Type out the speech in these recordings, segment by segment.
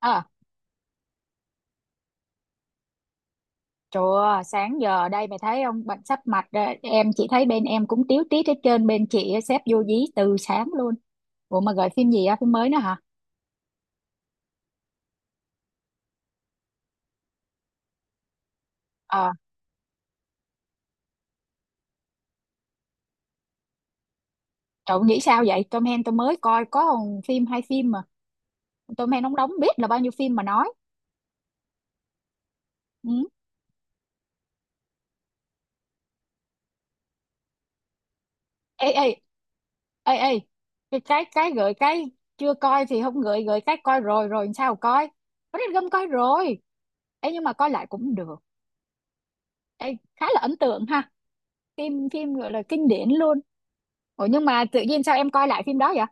À, trời ơi, sáng giờ đây mày thấy không, bệnh sắp mạch rồi. Em chỉ thấy bên em cũng tíu tít hết trơn, bên chị á, sếp vô dí từ sáng luôn. Ủa mà gửi phim gì á, phim mới nữa hả? Ờ, trời nghĩ sao vậy, Tom Hanks tôi mới coi có còn phim hay phim mà. Tom Hanks ông đóng biết là bao nhiêu phim mà nói. Ừ. Ê, ê, ê, ê, cái gửi cái chưa coi thì không gửi, gửi cái coi rồi rồi làm sao coi. Forrest Gump coi rồi. Ê, nhưng mà coi lại cũng được. Ê, khá là ấn tượng ha. Phim phim gọi là kinh điển luôn. Ủa nhưng mà tự nhiên sao em coi lại phim đó vậy?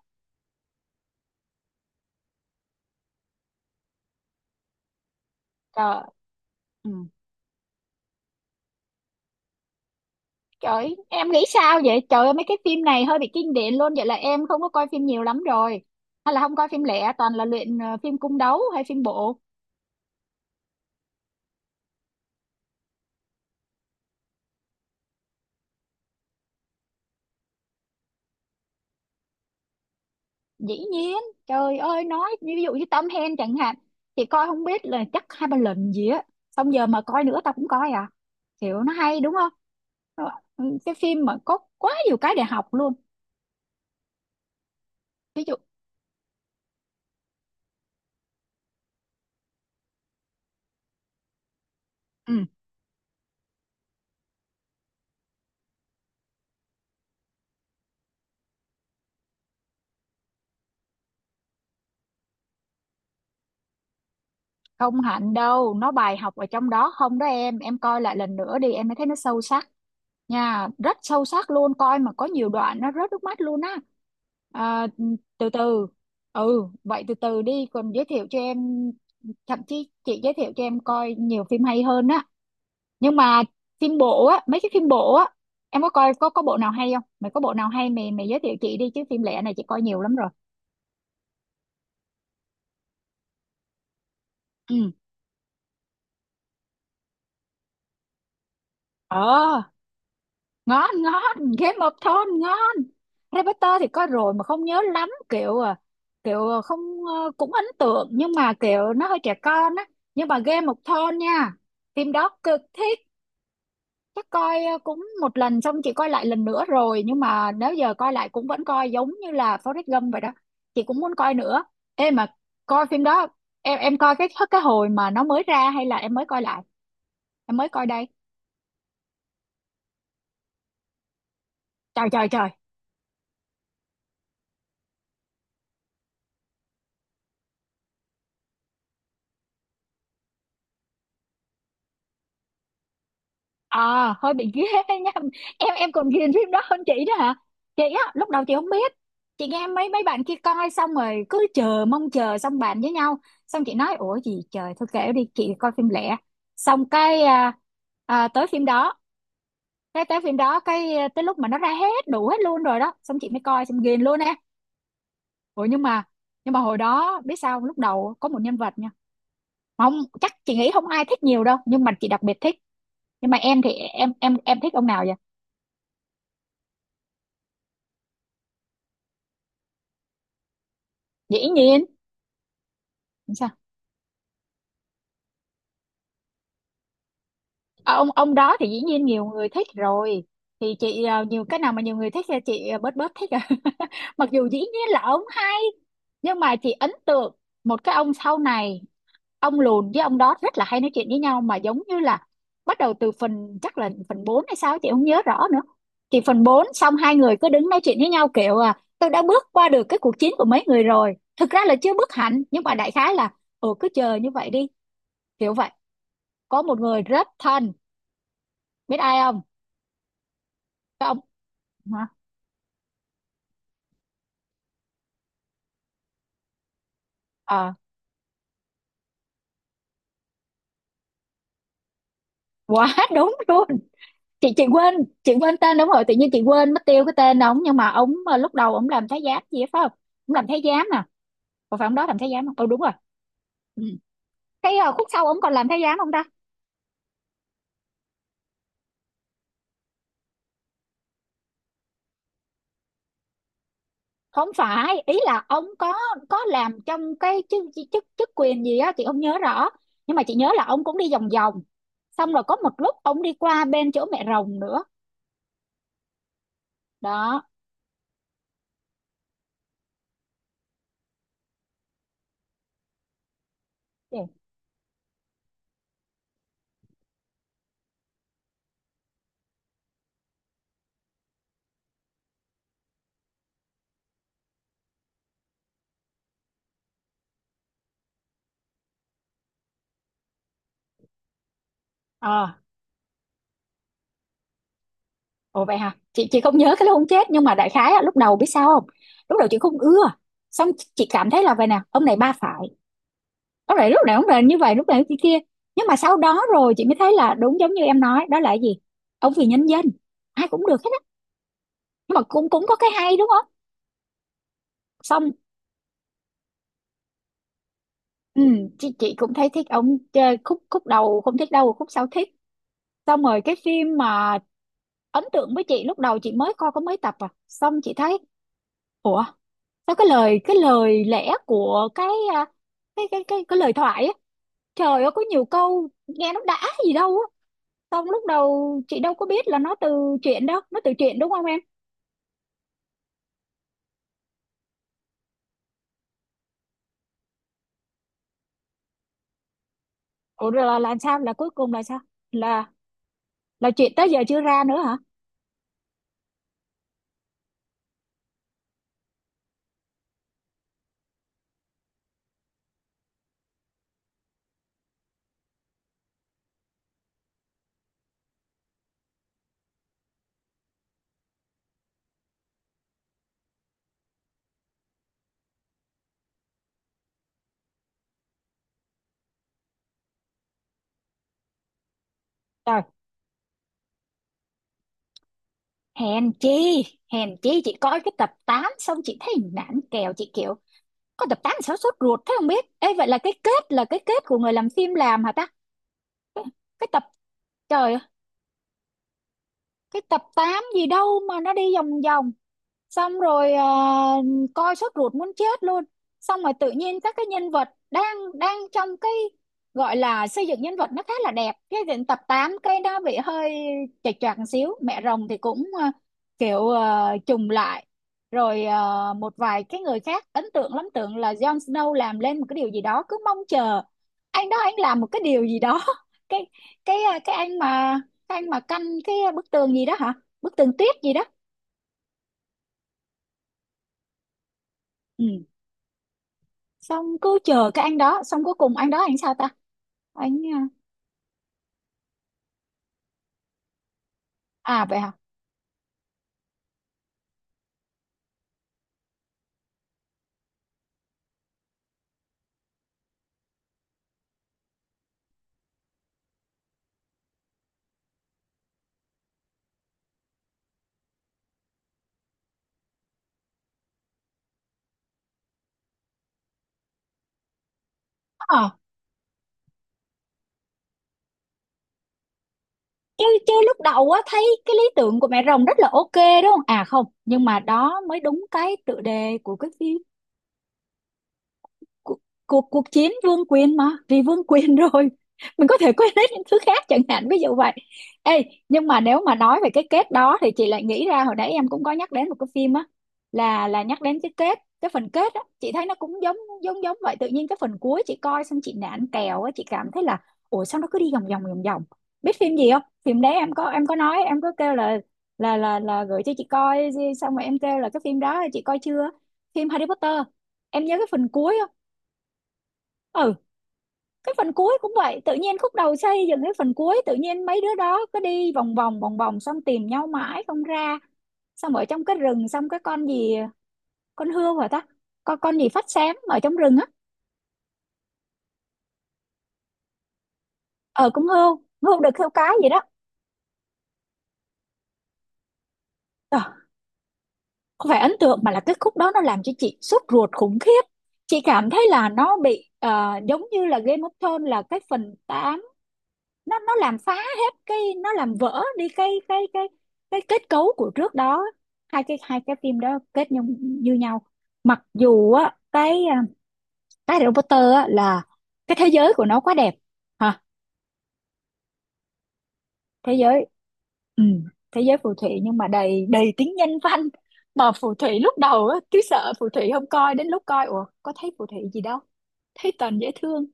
Trời, ừ. Trời, em nghĩ sao vậy? Trời ơi, mấy cái phim này hơi bị kinh điển luôn. Vậy là em không có coi phim nhiều lắm rồi. Hay là không coi phim lẻ, toàn là luyện phim cung đấu hay phim bộ. Dĩ nhiên, trời ơi, nói ví dụ như Tom Hanks chẳng hạn. Thì coi không biết là chắc hai ba lần gì á. Xong giờ mà coi nữa tao cũng coi à. Kiểu nó hay đúng không? Nó- Cái phim mà có quá nhiều cái để học luôn. Ví dụ, ừ. Không hạnh đâu nó bài học ở trong đó, không đó em coi lại lần nữa đi em mới thấy nó sâu sắc nha, rất sâu sắc luôn, coi mà có nhiều đoạn nó rớt nước mắt luôn á. à, Từ từ, ừ, vậy từ từ đi còn giới thiệu cho em, thậm chí chị giới thiệu cho em coi nhiều phim hay hơn á. Nhưng mà phim bộ á, mấy cái phim bộ á, em có coi có bộ nào hay không? Mày có bộ nào hay mày mày giới thiệu chị đi chứ phim lẻ này chị coi nhiều lắm rồi. Ừ. ờ Ngon ngon, Game of Thrones ngon. Harry Potter thì coi rồi mà không nhớ lắm, kiểu à kiểu à, không ờ, cũng ấn tượng nhưng mà kiểu nó hơi trẻ con á. Nhưng mà Game of Thrones nha, phim đó cực thích. Chắc coi cũng một lần xong chị coi lại lần nữa rồi, nhưng mà nếu giờ coi lại cũng vẫn coi giống như là Forrest Gump vậy đó, chị cũng muốn coi nữa. Ê mà coi phim đó, em coi cái hồi mà nó mới ra hay là em mới coi lại? Em mới coi đây. Trời trời trời. À, hơi bị ghê nha, em còn ghiền phim đó hơn chị đó hả. Chị á lúc đầu chị không biết, chị nghe mấy mấy bạn kia coi xong rồi cứ chờ mong chờ xong bàn với nhau, xong chị nói ủa gì trời, thôi kệ đi chị coi phim lẻ. Xong tới phim đó, cái tới phim đó tới lúc mà nó ra hết đủ hết luôn rồi đó, xong chị mới coi xong ghiền luôn á. Ủa nhưng mà, hồi đó biết sao không? Lúc đầu có một nhân vật nha, mà không chắc, chị nghĩ không ai thích nhiều đâu nhưng mà chị đặc biệt thích. Nhưng mà em thì em thích ông nào vậy? Dĩ nhiên, sao? Ờ, ông đó thì dĩ nhiên nhiều người thích rồi, thì chị nhiều cái nào mà nhiều người thích thì chị bớt bớt thích à mặc dù dĩ nhiên là ông hay. Nhưng mà chị ấn tượng một cái ông sau này, ông lùn với ông đó rất là hay nói chuyện với nhau mà, giống như là bắt đầu từ phần chắc là phần 4 hay sao chị không nhớ rõ nữa. Thì phần 4 xong, hai người cứ đứng nói chuyện với nhau kiểu à tôi đã bước qua được cái cuộc chiến của mấy người rồi, thực ra là chưa bước hẳn nhưng mà đại khái là ừ cứ chờ như vậy đi, kiểu vậy. Có một người rất thân, biết ai không? Cái ông, hả? ờ Quá đúng luôn. Chị quên, chị quên tên, đúng rồi tự nhiên chị quên mất tiêu cái tên ông. Nhưng mà ông lúc đầu ông làm thái giám gì đó, phải không? Ông làm thái giám nè, còn phải ông đó làm thái giám không? Ừ đúng rồi. Ừ. Cái khúc sau ông còn làm thái giám không ta? Không phải, ý là ông có làm trong cái chức chức chức quyền gì á chị không nhớ rõ, nhưng mà chị nhớ là ông cũng đi vòng vòng, xong rồi có một lúc ông đi qua bên chỗ mẹ rồng nữa đó. ờ Ồ vậy hả? Chị không nhớ cái lúc ông chết, nhưng mà đại khái á, lúc đầu biết sao không? Lúc đầu chị không ưa. Xong chị cảm thấy là vậy nè, ông này ba phải. Ông này lúc nào cũng là như vậy, lúc nào cũng kia kia. Nhưng mà sau đó rồi chị mới thấy là đúng giống như em nói, đó là cái gì? Ông vì nhân dân, ai cũng được hết á. Nhưng mà cũng cũng có cái hay đúng không? Xong ừ, chị cũng thấy thích ông, chơi khúc khúc đầu không thích đâu, khúc sau thích. Xong rồi cái phim mà ấn tượng với chị, lúc đầu chị mới coi có mấy tập à. Xong chị thấy ủa, nó cái lời lẽ của cái à, cái lời thoại á, trời ơi có nhiều câu nghe nó đã gì đâu á. Xong lúc đầu chị đâu có biết là nó từ chuyện đâu, nó từ chuyện đúng không em? Ủa rồi là sao? Là cuối cùng là sao? Là chuyện tới giờ chưa ra nữa hả? Trời, hèn chi, hèn chi chị coi cái tập 8 xong chị thấy nản kèo, chị kiểu có tập 8 sao sốt ruột thế không biết. Ê vậy là cái kết của người làm phim làm hả ta? cái tập trời cái tập 8 gì đâu mà nó đi vòng vòng, xong rồi coi sốt ruột muốn chết luôn. Xong rồi tự nhiên các cái nhân vật đang đang trong cái gọi là xây dựng nhân vật nó khá là đẹp, cái đến tập 8 cái nó bị hơi chệch choạc một xíu. Mẹ rồng thì cũng kiểu trùng lại. Rồi một vài cái người khác ấn tượng lắm, tưởng là Jon Snow làm lên một cái điều gì đó, cứ mong chờ anh đó anh làm một cái điều gì đó cái cái ờ, cái anh mà canh cái bức tường gì đó hả, bức tường tuyết gì đó. Ừ. Xong cứ chờ cái anh đó, xong cuối cùng anh đó anh sao ta? Anh à, vậy hả? ờ Chứ chứ lúc đầu á thấy cái lý tưởng của mẹ rồng rất là ok đúng không? À không, nhưng mà đó mới đúng cái tựa đề của cái phim. Cuộc, cuộc Cuộc chiến vương quyền mà, vì vương quyền rồi mình có thể quên hết những thứ khác chẳng hạn, ví dụ vậy. Ê nhưng mà nếu mà nói về cái kết đó thì chị lại nghĩ ra hồi nãy em cũng có nhắc đến một cái phim á, là nhắc đến cái kết, cái phần kết á chị thấy nó cũng giống giống giống vậy. Tự nhiên cái phần cuối chị coi xong chị nản kèo á, chị cảm thấy là ủa sao nó cứ đi vòng vòng vòng vòng. Biết phim gì không? Phim đấy em có, em nói em có kêu là gửi cho chị coi, xong rồi em kêu là cái phim đó chị coi chưa. Phim Harry Potter, em nhớ cái phần cuối không? Ừ. Cái phần cuối cũng vậy, tự nhiên khúc đầu xây dựng, cái phần cuối tự nhiên mấy đứa đó cứ đi vòng vòng vòng vòng, xong tìm nhau mãi không ra, xong ở trong cái rừng, xong cái con gì, con hươu hả ta? Con gì phát sáng ở trong rừng á? Ờ con hươu, hươu được hươu cái gì đó. Ờ, không phải ấn tượng, mà là cái khúc đó nó làm cho chị sốt ruột khủng khiếp, chị cảm thấy là nó bị giống như là Game of Thrones, là cái phần nó làm phá hết cái, nó làm vỡ đi cái kết cấu của trước đó. Hai cái phim đó kết nhau như nhau. Mặc dù á cái Harry Potter á là cái thế giới của nó quá đẹp hả, thế giới ừ, thế giới phù thủy nhưng mà đầy đầy tính nhân văn. Mà phù thủy lúc đầu á cứ sợ phù thủy không coi, đến lúc coi ủa có thấy phù thủy gì đâu, thấy toàn dễ thương.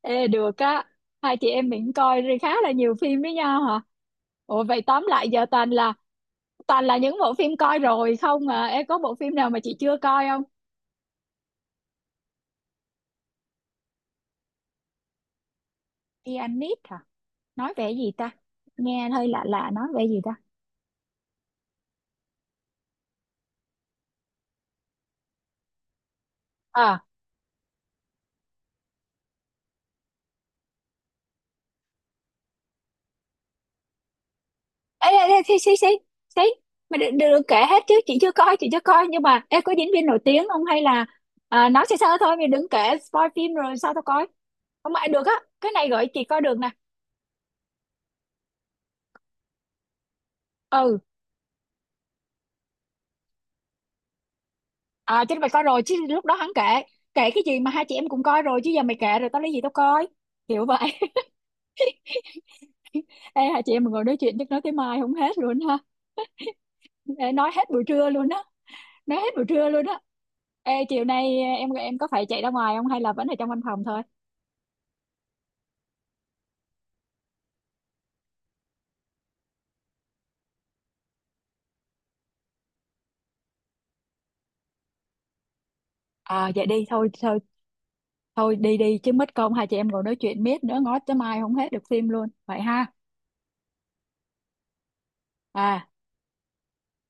Ê được á, hai chị em mình coi rồi khá là nhiều phim với nhau hả. Ủa vậy tóm lại giờ toàn là, những bộ phim coi rồi không, à em có bộ phim nào mà chị chưa coi không? Pianist hả? Nói về gì ta? Nghe hơi lạ lạ, nói về gì ta? À, ê, ê, ê, xí, xí, xí, xí, mà đừng, đừng đừng kể hết chứ, chị chưa coi, chị chưa coi, nhưng mà em có diễn viên nổi tiếng không hay là, nói sơ sơ thôi, mình đừng kể spoil phim rồi sao tao coi, không ai được á. Cái này gửi chị coi được nè. Ừ. À chứ mày coi rồi chứ, lúc đó hắn kể kể cái gì mà hai chị em cũng coi rồi chứ, giờ mày kể rồi tao lấy gì tao coi, kiểu vậy. Ê, hai chị em mình ngồi nói chuyện chắc nói tới mai không hết luôn ha. Ê, nói hết buổi trưa luôn á, nói hết buổi trưa luôn á. Ê, chiều nay em có phải chạy ra ngoài không hay là vẫn ở trong văn phòng thôi? À vậy đi, thôi thôi thôi đi đi, chứ mất công hai chị em ngồi nói chuyện miết nữa ngó tới mai không hết được phim luôn. Vậy ha. À